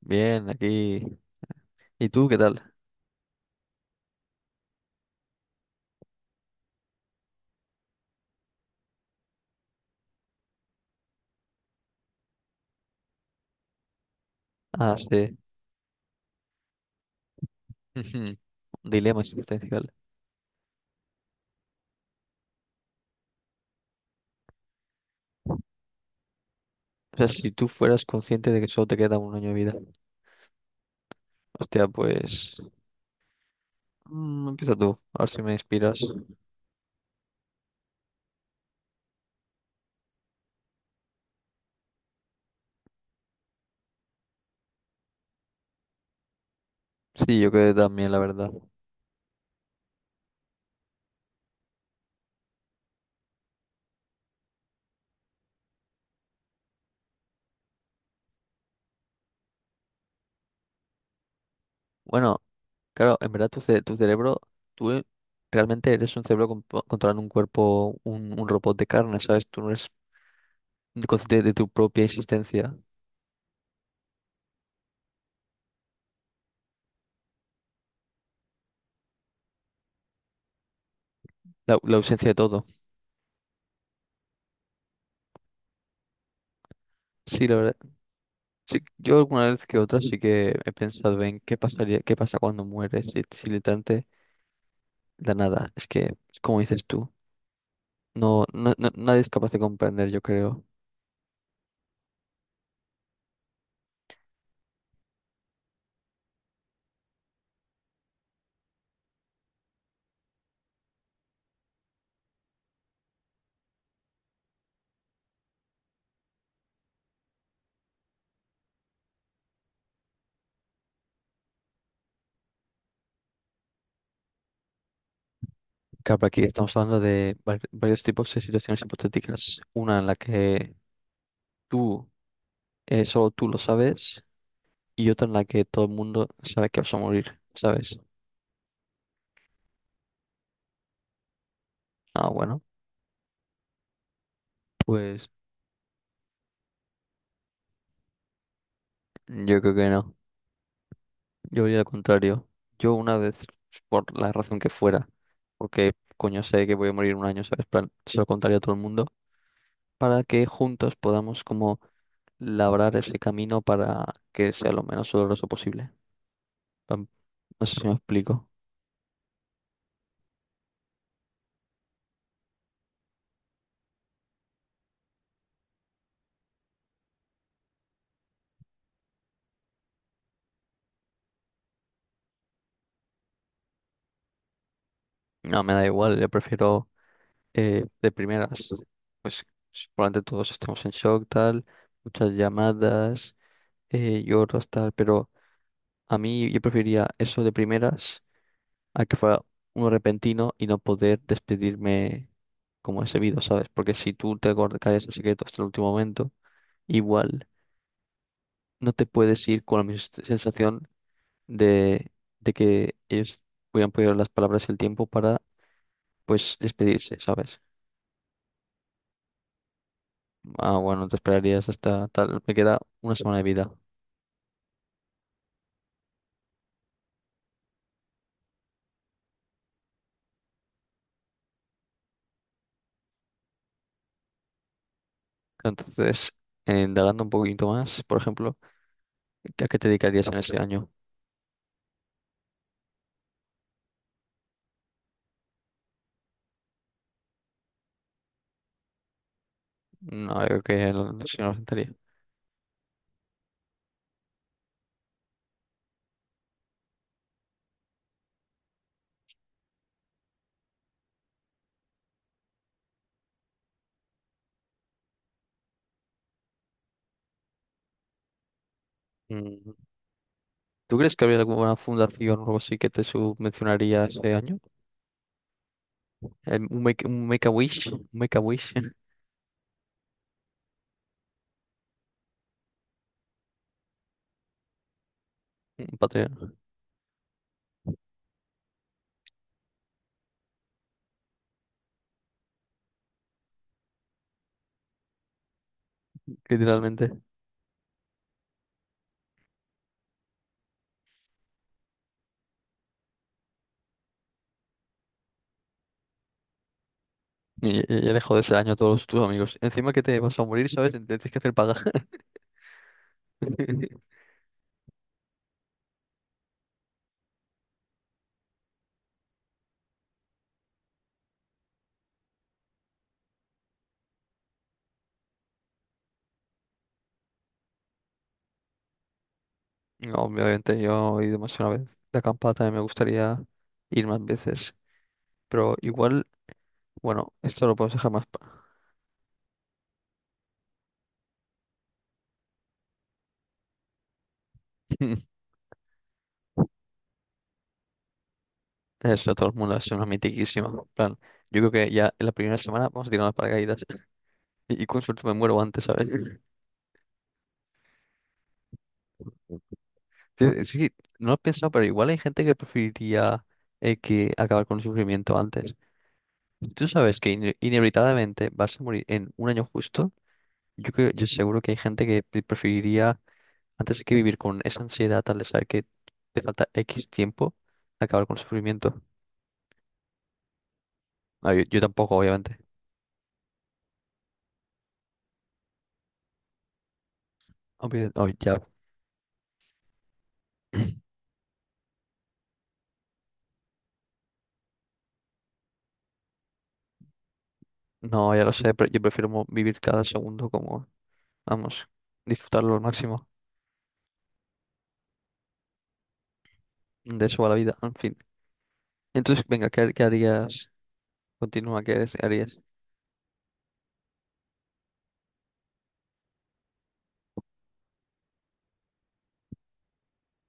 Bien, aquí. ¿Y tú qué tal? Ah, sí. Ujú. Un dilema existencial. O sea, si tú fueras consciente de que solo te queda un año de vida. Hostia, pues. Empieza tú, a ver si me inspiras. Sí, yo creo que también, la verdad. Bueno, claro, en verdad tu cerebro, tú realmente eres un cerebro controlando un cuerpo, un robot de carne, ¿sabes? Tú no eres consciente de tu propia existencia, la ausencia de todo. Sí, la verdad. Sí, yo alguna vez que otra sí que he pensado en qué pasaría, qué pasa cuando mueres si literalmente la nada. Es que, como dices tú, nadie es capaz de comprender, yo creo. Claro, aquí estamos hablando de varios tipos de situaciones hipotéticas. Una en la que tú, solo tú lo sabes, y otra en la que todo el mundo sabe que vas a morir, ¿sabes? Ah, bueno, pues yo creo que no. Yo diría al contrario. Yo una vez, por la razón que fuera, porque coño sé que voy a morir un año, ¿sabes? Plan, se lo contaría a todo el mundo para que juntos podamos como labrar ese camino para que sea lo menos doloroso posible. Plan, no sé si me explico. No, me da igual, yo prefiero de primeras, pues probablemente todos estemos en shock, tal, muchas llamadas, lloros, tal, pero a mí yo preferiría eso de primeras a que fuera un repentino y no poder despedirme como es debido, ¿sabes? Porque si tú te callas el secreto hasta el último momento, igual no te puedes ir con la misma sensación de, de que ellos hubieran podido las palabras y el tiempo para, pues, despedirse, ¿sabes? Ah, bueno, te esperarías hasta tal, me queda una semana de vida. Entonces, indagando un poquito más, por ejemplo, ¿a qué te dedicarías en ese año? No, yo creo que no, no sé, no lo sentaría. ¿Tú crees que habría alguna fundación o algo así que te subvencionaría ese año? Un make a wish, un Patreon, literalmente. Y dejo de ese año a todos tus amigos. Encima que te vas a morir, ¿sabes? Te Tienes que hacer paga. No, obviamente yo he ido más de una vez de acampada, también me gustaría ir más veces. Pero igual, bueno, esto lo podemos dejar más para. Eso, todo el mundo es una mitiquísima. En plan, yo creo que ya en la primera semana vamos a tirar las paracaídas. Y con suerte me muero antes, ¿sabes? Sí, sí, no lo he pensado, pero igual hay gente que preferiría que acabar con el sufrimiento antes. Si tú sabes que inevitablemente vas a morir en un año justo, yo creo, yo seguro que hay gente que preferiría, antes que vivir con esa ansiedad al de saber que te falta X tiempo, acabar con el sufrimiento. Ah, yo tampoco, obviamente. Oh, ya. No, ya lo sé, pero yo prefiero vivir cada segundo como, vamos, disfrutarlo al máximo. De eso va la vida, en fin. Entonces, venga, ¿qué harías? Continúa, ¿qué harías?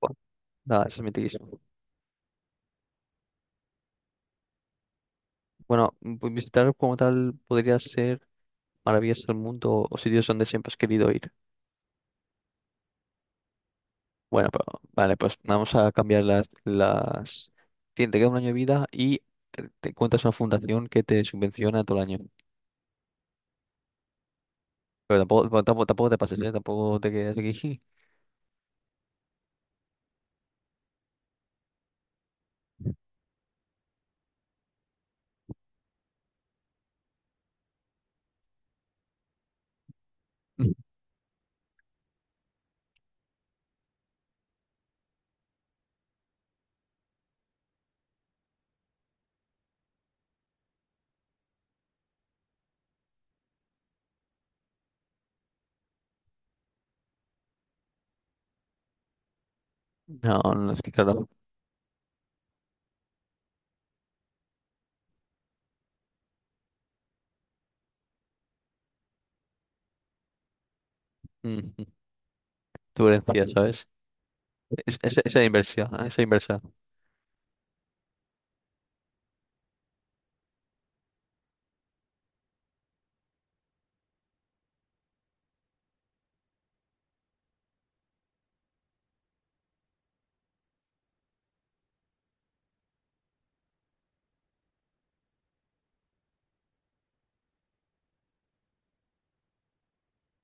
Buah, nada, eso es mitiquísimo. Bueno, pues visitar como tal podría ser maravillas del mundo o sitios donde siempre has querido ir. Bueno, pero vale, pues vamos a cambiar las. Te queda un año de vida y te encuentras una fundación que te subvenciona todo el año. Pero tampoco, bueno, tampoco te pases, ¿eh? Tampoco te quedes aquí. No, no, es que claro. mm, Tu herencia, ¿sabes? Esa inversión, esa inversa.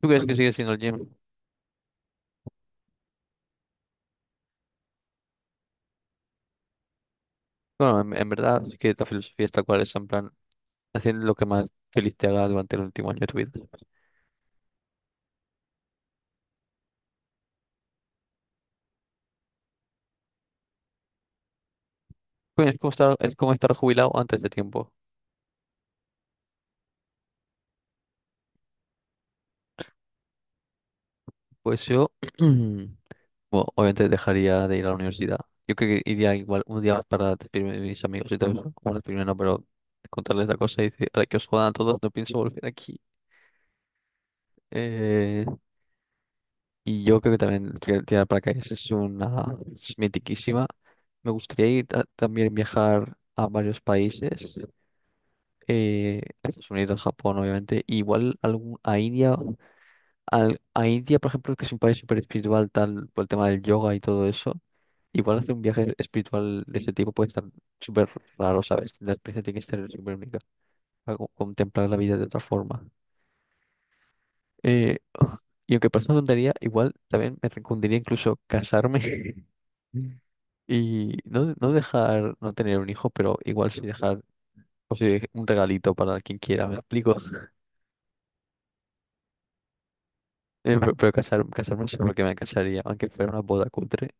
¿Tú crees que sigue siendo el gym? Bueno, en verdad, es que la filosofía es tal cual, es en plan. Haciendo lo que más feliz te haga durante el último año de tu vida. Pues es como estar jubilado antes de tiempo. Pues yo, bueno, obviamente dejaría de ir a la universidad. Yo creo que iría igual un día más para despedirme de mis amigos y todo eso. Bueno, despedirme no, pero contarles la cosa y decir, ahora que os jodan a todos, no pienso volver aquí. Eh, y yo creo que también tirar paracaídas es mitiquísima. Me gustaría también viajar a varios países, a Estados Unidos, Japón, obviamente, igual algún, a India al- a India, por ejemplo, que es un país súper espiritual, tal, por el tema del yoga y todo eso, igual hacer un viaje espiritual de ese tipo puede estar súper raro, ¿sabes? La experiencia tiene que ser súper única, para contemplar la vida de otra forma. Eh, y aunque parezca una tontería, igual también me recundiría incluso casarme y no, no dejar, no tener un hijo, pero igual sí dejar o sea, un regalito para quien quiera, ¿me explico? Pero casarme solo que me casaría, aunque fuera una boda cutre.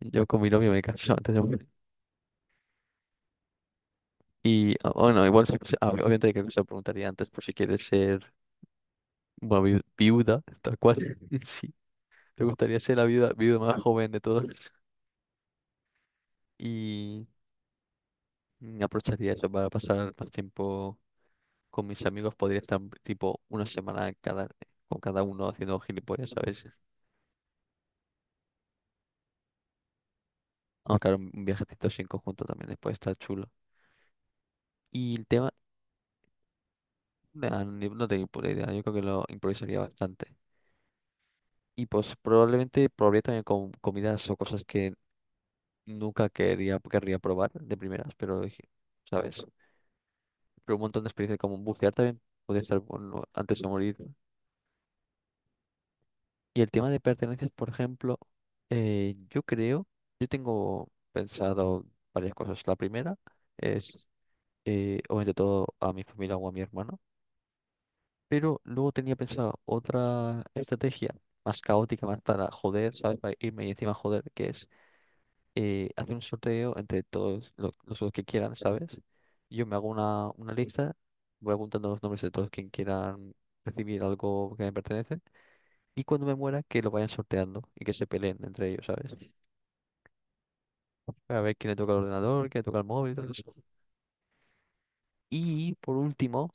Yo con mi novio me caso antes de morir. Y bueno, igual obviamente creo que se lo preguntaría antes por si quieres ser una viuda, tal cual. Sí, te gustaría ser la viuda más joven de todos. Y aprovecharía eso para pasar más tiempo con mis amigos. Podría estar tipo una semana con cada uno haciendo gilipollas, ¿sabes? Ah, claro, un viajecito así en conjunto también después está chulo. Y el tema, no tengo ni puta idea. Yo creo que lo improvisaría bastante. Y pues probablemente probaría también con comidas o cosas que nunca querría probar de primeras, pero dije, ¿sabes? Pero un montón de experiencias como bucear también podría estar bueno antes de morir. Y el tema de pertenencias, por ejemplo, yo creo, yo tengo pensado varias cosas. La primera es, obviamente, todo a mi familia o a mi hermano, pero luego tenía pensado otra estrategia más caótica, más para joder, ¿sabes? Para irme y encima joder, que es y hacer un sorteo entre todos los que quieran, ¿sabes? Yo me hago una lista, voy apuntando los nombres de todos quien quieran recibir algo que me pertenece y cuando me muera que lo vayan sorteando y que se peleen entre ellos, ¿sabes? Para ver quién le toca el ordenador, quién le toca el móvil, todo eso. Y por último,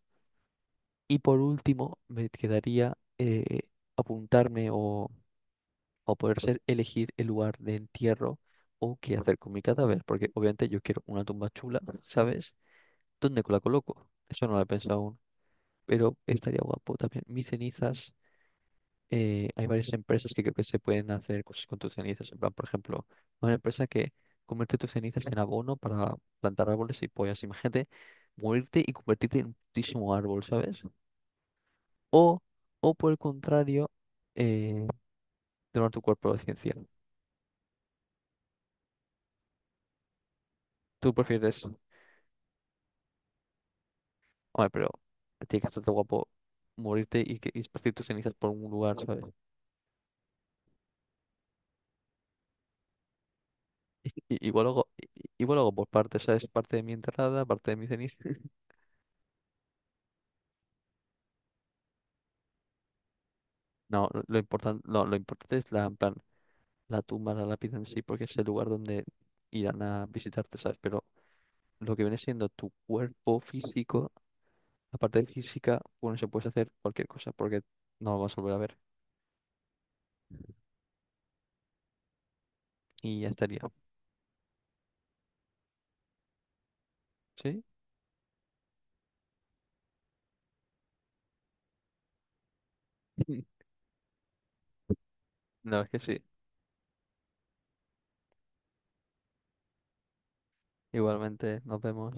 y por último, me quedaría apuntarme o poder ser elegir el lugar de entierro o qué hacer con mi cadáver, porque obviamente yo quiero una tumba chula, ¿sabes? ¿Dónde la coloco? Eso no lo he pensado aún, pero estaría guapo también. Mis cenizas, hay varias empresas que creo que se pueden hacer cosas con tus cenizas. En plan, por ejemplo, una empresa que convierte tus cenizas en abono para plantar árboles y pollas. Imagínate morirte y convertirte en un putísimo árbol, ¿sabes? O, o, por el contrario, eh, donar tu cuerpo a la ciencia. Tú prefieres, hombre, pero tiene que estar guapo morirte y, y esparcir tus cenizas por un lugar, ¿sabes? I- Igual hago, i- igual hago por partes, ¿sabes? Parte de mi entrada, parte de mi ceniza. No, lo importante, no, lo importante es la, en plan, la tumba, la lápida en sí, porque es el lugar donde irán a visitarte, ¿sabes? Pero lo que viene siendo tu cuerpo físico, la parte física, bueno, se puede hacer cualquier cosa, porque no lo vas a volver a ver. Y ya estaría. ¿Sí? La verdad es que sí. Igualmente, nos vemos.